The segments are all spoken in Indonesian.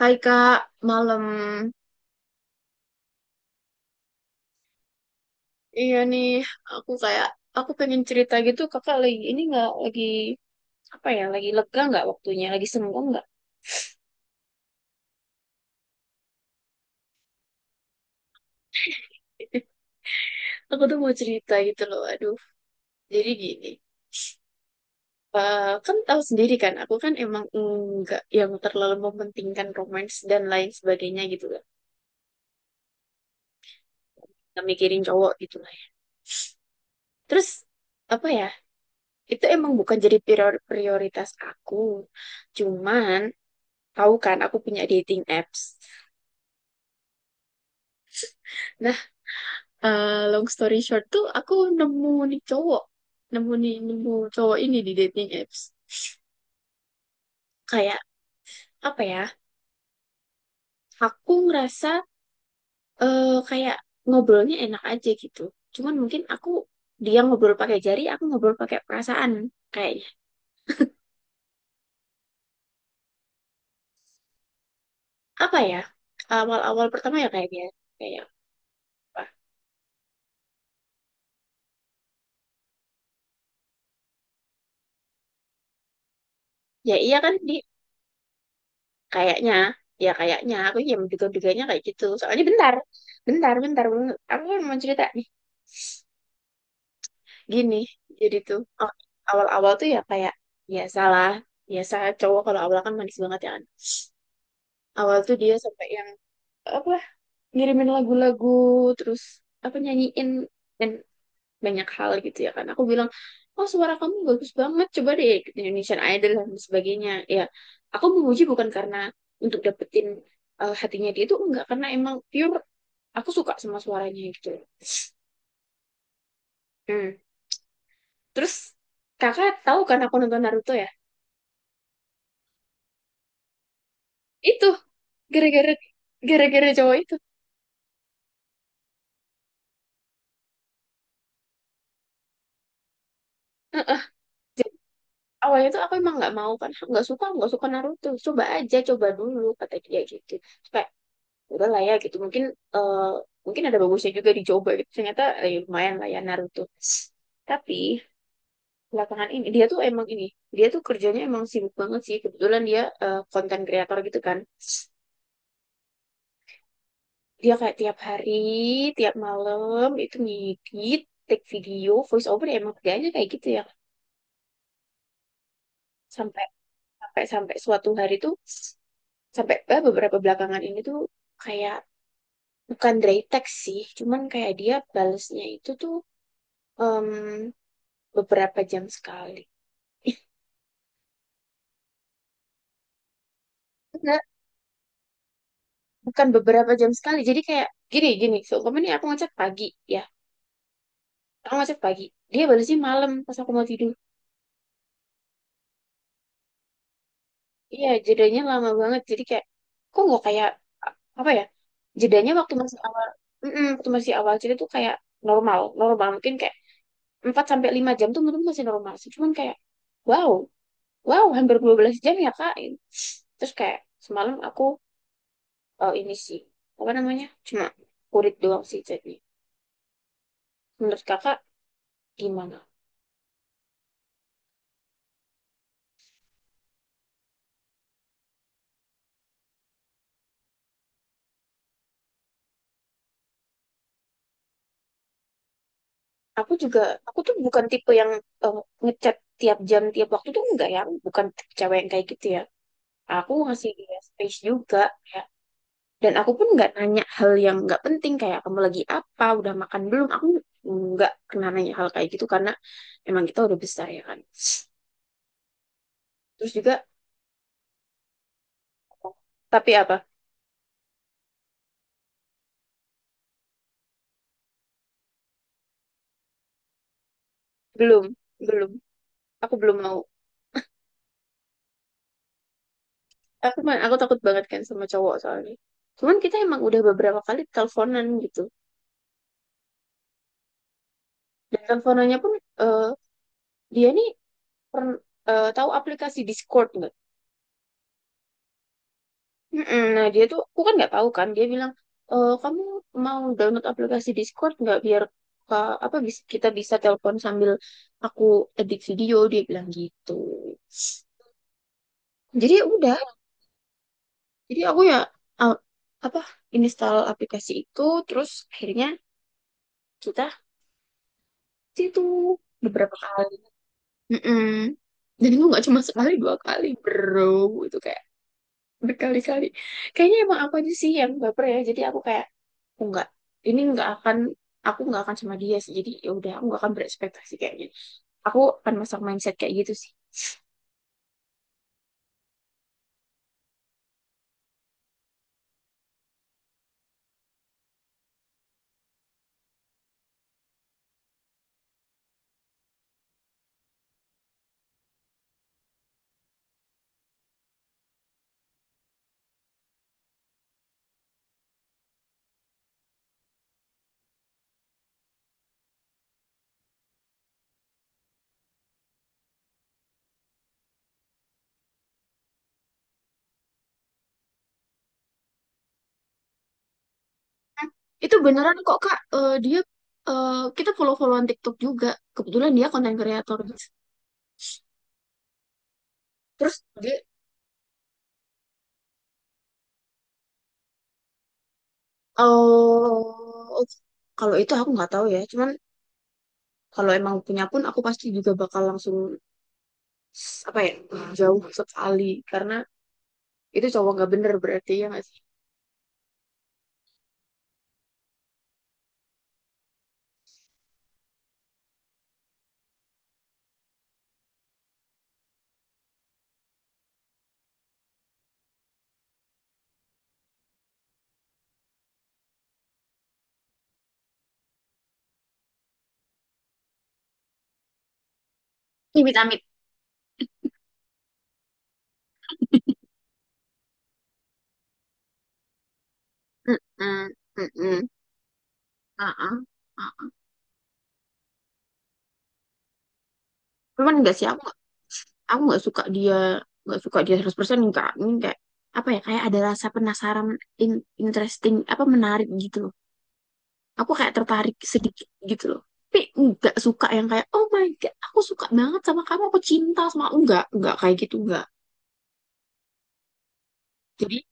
Hai Kak, malam. Iya nih, aku kayak pengen cerita gitu. Kakak lagi ini nggak lagi apa ya? Lagi lega nggak waktunya? Lagi senggang nggak? Aku tuh mau cerita gitu loh. Aduh, jadi gini. Eh, kan tahu sendiri kan, aku kan emang nggak yang terlalu mementingkan romance dan lain sebagainya gitu kan. Nggak mikirin cowok gitu lah, ya. Terus apa ya? Itu emang bukan jadi prioritas aku. Cuman tahu kan, aku punya dating apps. Nah, long story short tuh aku nemu nih cowok nemu nih nemu cowok ini di dating apps. Kayak apa ya, aku ngerasa, kayak ngobrolnya enak aja gitu. Cuman mungkin aku, dia ngobrol pakai jari aku ngobrol pakai perasaan kayaknya. Apa ya, awal-awal pertama ya kayaknya. Kayak apa ya, iya kan di, kayaknya ya kayaknya aku ya menduga-duganya kayak gitu soalnya bentar bentar bentar bentar. Aku kan mau cerita gini. Jadi tuh awal-awal tuh ya kayak biasalah, biasa cowok kalau awal kan manis banget ya kan. Awal tuh dia sampai yang apa, ngirimin lagu-lagu, terus apa, nyanyiin, dan banyak hal gitu ya kan. Aku bilang, oh suara kamu bagus banget, coba deh ikut Indonesian Idol dan sebagainya ya. Aku memuji bukan karena untuk dapetin, hatinya dia itu. Enggak, karena emang pure aku suka sama suaranya gitu. Hmm. Terus kakak tahu kan aku nonton Naruto ya. Itu gara-gara gara-gara cowok itu. Heeh. Jadi, awalnya tuh aku emang nggak mau kan, nggak suka, nggak suka Naruto. Coba aja, coba dulu kata dia gitu. Terus kayak, udah lah ya gitu eh, mungkin ada bagusnya juga dicoba gitu. Ternyata ya lumayan lah ya Naruto. Tapi belakangan ini dia tuh emang ini, dia tuh kerjanya emang sibuk banget sih. Kebetulan dia konten kreator gitu kan. Dia kayak tiap hari, tiap malam itu ngedit, take video, voice over, ya emang kerjanya kayak gitu ya. Sampai sampai sampai suatu hari tuh, sampai beberapa belakangan ini tuh kayak bukan dry text sih, cuman kayak dia balesnya itu tuh, em, beberapa jam sekali. Enggak, bukan beberapa jam sekali. Jadi kayak gini, gini seumpama nih, aku ngechat pagi ya, aku ngechat pagi dia balesnya malam pas aku mau tidur. Iya jedanya lama banget. Jadi kayak kok nggak kayak apa ya, jedanya waktu masih awal, waktu masih awal cerita tuh kayak normal, normal mungkin kayak 4 sampai 5 jam tuh menurut masih normal sih. Cuman kayak wow, wow hampir 12 jam ya Kak. Terus kayak semalam aku, ini sih apa namanya, cuma kurit doang sih jadi. Menurut Kakak gimana? Aku juga, aku tuh bukan tipe yang eh, ngechat tiap jam tiap waktu tuh enggak ya. Aku bukan tipe cewek yang kayak gitu ya. Aku ngasih dia space juga ya. Dan aku pun nggak nanya hal yang nggak penting kayak kamu lagi apa, udah makan belum. Aku nggak kena nanya hal kayak gitu karena emang kita udah besar ya kan. Terus juga tapi apa? Belum, belum. Aku belum mau. Aku aku takut banget kan sama cowok soalnya. Cuman kita emang udah beberapa kali teleponan gitu. Dan teleponannya pun eh, dia nih pern- tahu aplikasi Discord nggak? Mm-mm. Nah dia tuh, aku kan nggak tahu kan. Dia bilang, "Eh, kamu mau download aplikasi Discord nggak biar Kak, apa kita bisa telepon sambil aku edit video." Dia bilang gitu. Jadi ya udah, jadi aku ya uh, apa, install aplikasi itu, terus akhirnya kita ke situ beberapa kali. Mm-mm. Dan itu nggak cuma sekali dua kali, bro. Itu kayak berkali-kali. Kayaknya emang aku aja sih yang baper ya. Jadi aku kayak aku nggak, ini nggak akan, aku nggak akan sama dia sih. Jadi ya udah aku nggak akan berekspektasi kayak gitu, aku akan masang mindset kayak gitu sih. Nah, itu beneran kok kak. Dia, kita follow-followan TikTok juga, kebetulan dia konten kreator. Terus dia, oh kalau itu aku nggak tahu ya. Cuman kalau emang punya pun aku pasti juga bakal langsung apa ya, jauh sekali karena itu cowok nggak bener berarti ya nggak sih. Amit amit. Mm-mm, mm-mm, uh-uh, uh-uh. Cuman enggak sih, aku nggak- suka dia, nggak suka dia 100% enggak. Ini kayak apa ya, kayak ada rasa penasaran, interesting, apa menarik gitu loh. Aku kayak tertarik sedikit gitu loh. Tapi enggak suka yang kayak oh my god aku suka banget sama kamu aku cinta sama kamu. Enggak kayak gitu, enggak. Jadi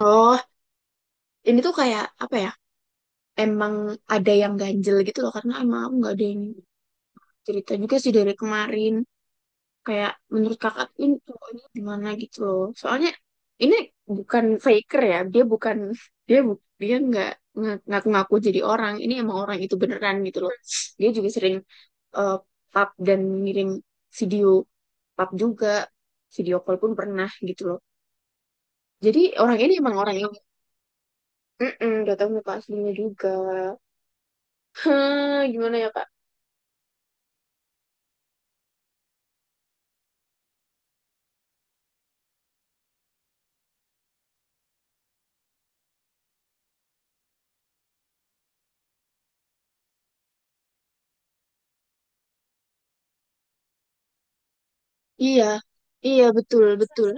oh ini tuh kayak apa ya, emang ada yang ganjel gitu loh karena emang aku nggak ada yang cerita juga sih dari kemarin. Kayak menurut kakak ini cowok gimana gitu loh. Soalnya ini bukan faker ya. Dia bukan, dia dia nggak ngaku-ngaku jadi orang. Ini emang orang itu beneran gitu loh. Dia juga sering eh, pap dan ngirim video pap juga. Video call pun pernah gitu loh. Jadi orang ini emang orang yang, udah tahu muka aslinya juga. Hah, gimana ya Kak? Iya, iya betul betul.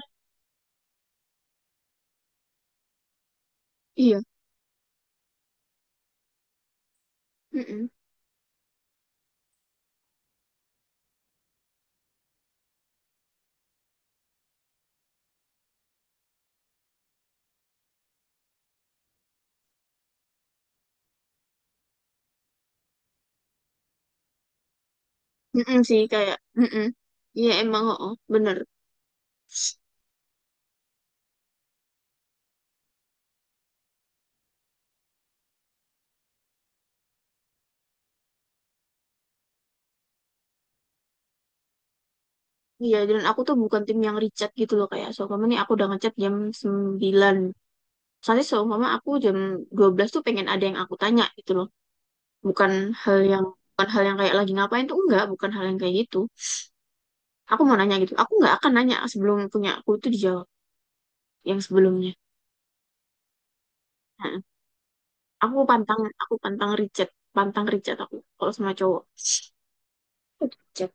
Iya. Mm-mm. Mm-mm sih kayak mm-mm. Iya emang, oh, bener. Iya dan aku tuh bukan tim yang richat gitu loh. Kayak seumpama nih aku udah ngechat jam 9, soalnya seumpama aku jam 12 tuh pengen ada yang aku tanya gitu loh. Bukan hal yang, kayak lagi ngapain tuh enggak, bukan hal yang kayak gitu. Aku mau nanya gitu. Aku nggak akan nanya sebelum punya aku itu dijawab yang sebelumnya. Heeh. Aku pantang, aku pantang richat. Pantang richat aku kalau sama cowok. Richat.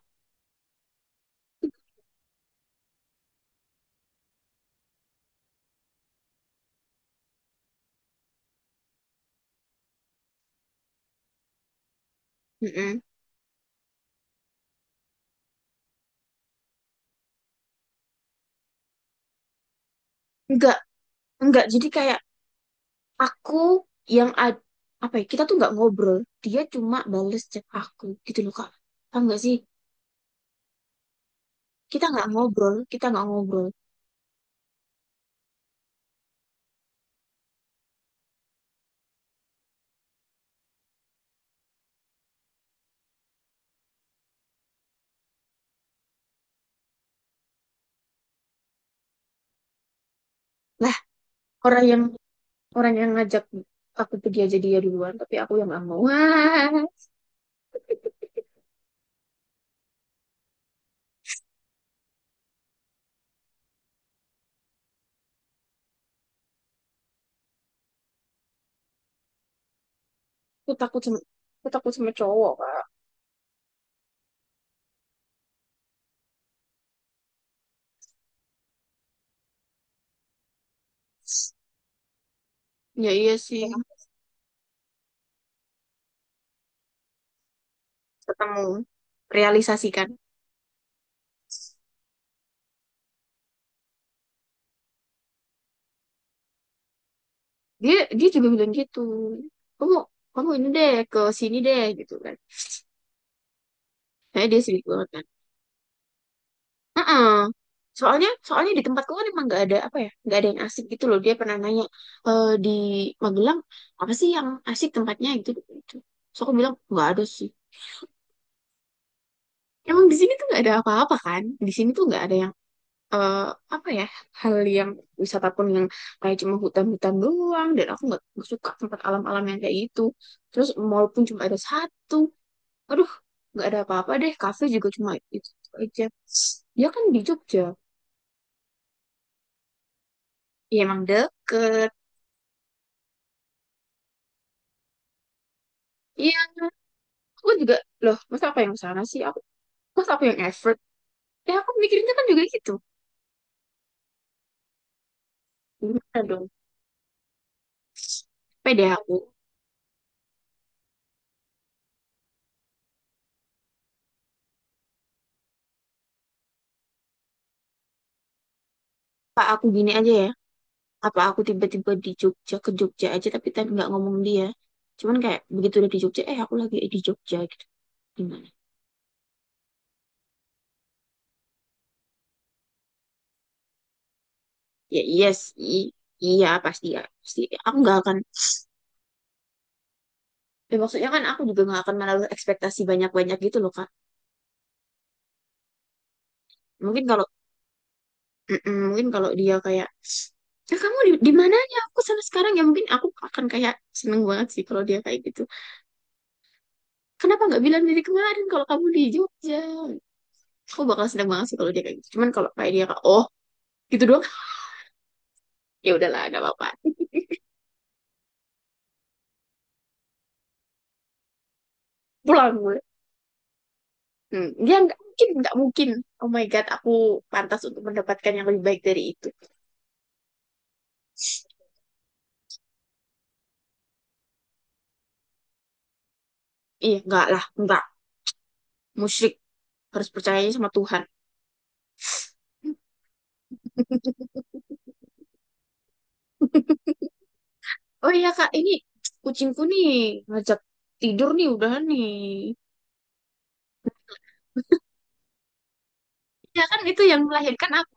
Mm-mm. enggak enggak, jadi kayak aku yang apa ya, kita tuh nggak ngobrol, dia cuma bales chat aku gitu loh kak. Tahu nggak sih, kita nggak ngobrol, kita nggak ngobrol. Nah orang yang orang yang ngajak aku pergi aja dia duluan tapi aku yang nggak mau. Wah, aku takut sama aku takut sama cowok kak. Ya iya sih. Ketemu, realisasikan. Dia dia juga bilang gitu, kamu kamu ini deh ke sini deh gitu kan. Saya, dia sibuk banget. Mm-mm. Soalnya, di tempatku kan emang nggak ada apa ya, nggak ada yang asik gitu loh. Dia pernah nanya, e, di Magelang apa sih yang asik tempatnya gitu. Gitu. So aku bilang nggak ada sih. Emang di sini tuh nggak ada apa-apa kan? Di sini tuh nggak ada yang eh, apa ya, hal yang wisata pun yang kayak cuma hutan-hutan doang. Dan aku nggak suka tempat alam-alam yang kayak gitu. Terus mall pun cuma ada satu. Aduh, nggak ada apa-apa deh. Kafe juga cuma itu aja. Dia kan di Jogja. Ya emang deket. Iya, aku juga loh. Masa aku yang sana sih? Aku, masa aku yang effort? Ya aku mikirnya kan juga gitu. Gimana dong? Pede aku. Apa aku gini aja ya? Apa aku tiba-tiba di Jogja, ke Jogja aja tapi tadi nggak ngomong dia. Cuman kayak begitu udah di Jogja, eh aku lagi di Jogja gitu. Gimana? Ya iya sih. Iya pasti ya pasti. Aku nggak akan. Ya, maksudnya kan aku juga nggak akan menaruh ekspektasi banyak-banyak gitu loh Kak. Mungkin kalau Mm-mm, mungkin kalau dia kayak, ya kamu di mananya aku sana sekarang ya mungkin aku akan kayak seneng banget sih kalau dia kayak gitu. Kenapa nggak bilang dari kemarin kalau kamu di Jogja, aku bakal seneng banget sih kalau dia kayak gitu. Cuman kalau kayak dia kayak, oh gitu doang. Ya udahlah nggak apa-apa. Pulang gue. Dia nggak mungkin, nggak mungkin, oh my god aku pantas untuk mendapatkan yang lebih baik dari itu. Iya nggak lah, nggak musyrik, harus percayanya sama Tuhan. Oh iya Kak, ini kucingku nih ngajak tidur nih udah nih. Ya kan itu yang melahirkan aku.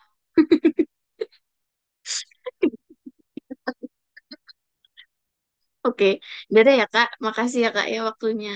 Oke, dadah ya Kak. Makasih ya Kak ya waktunya.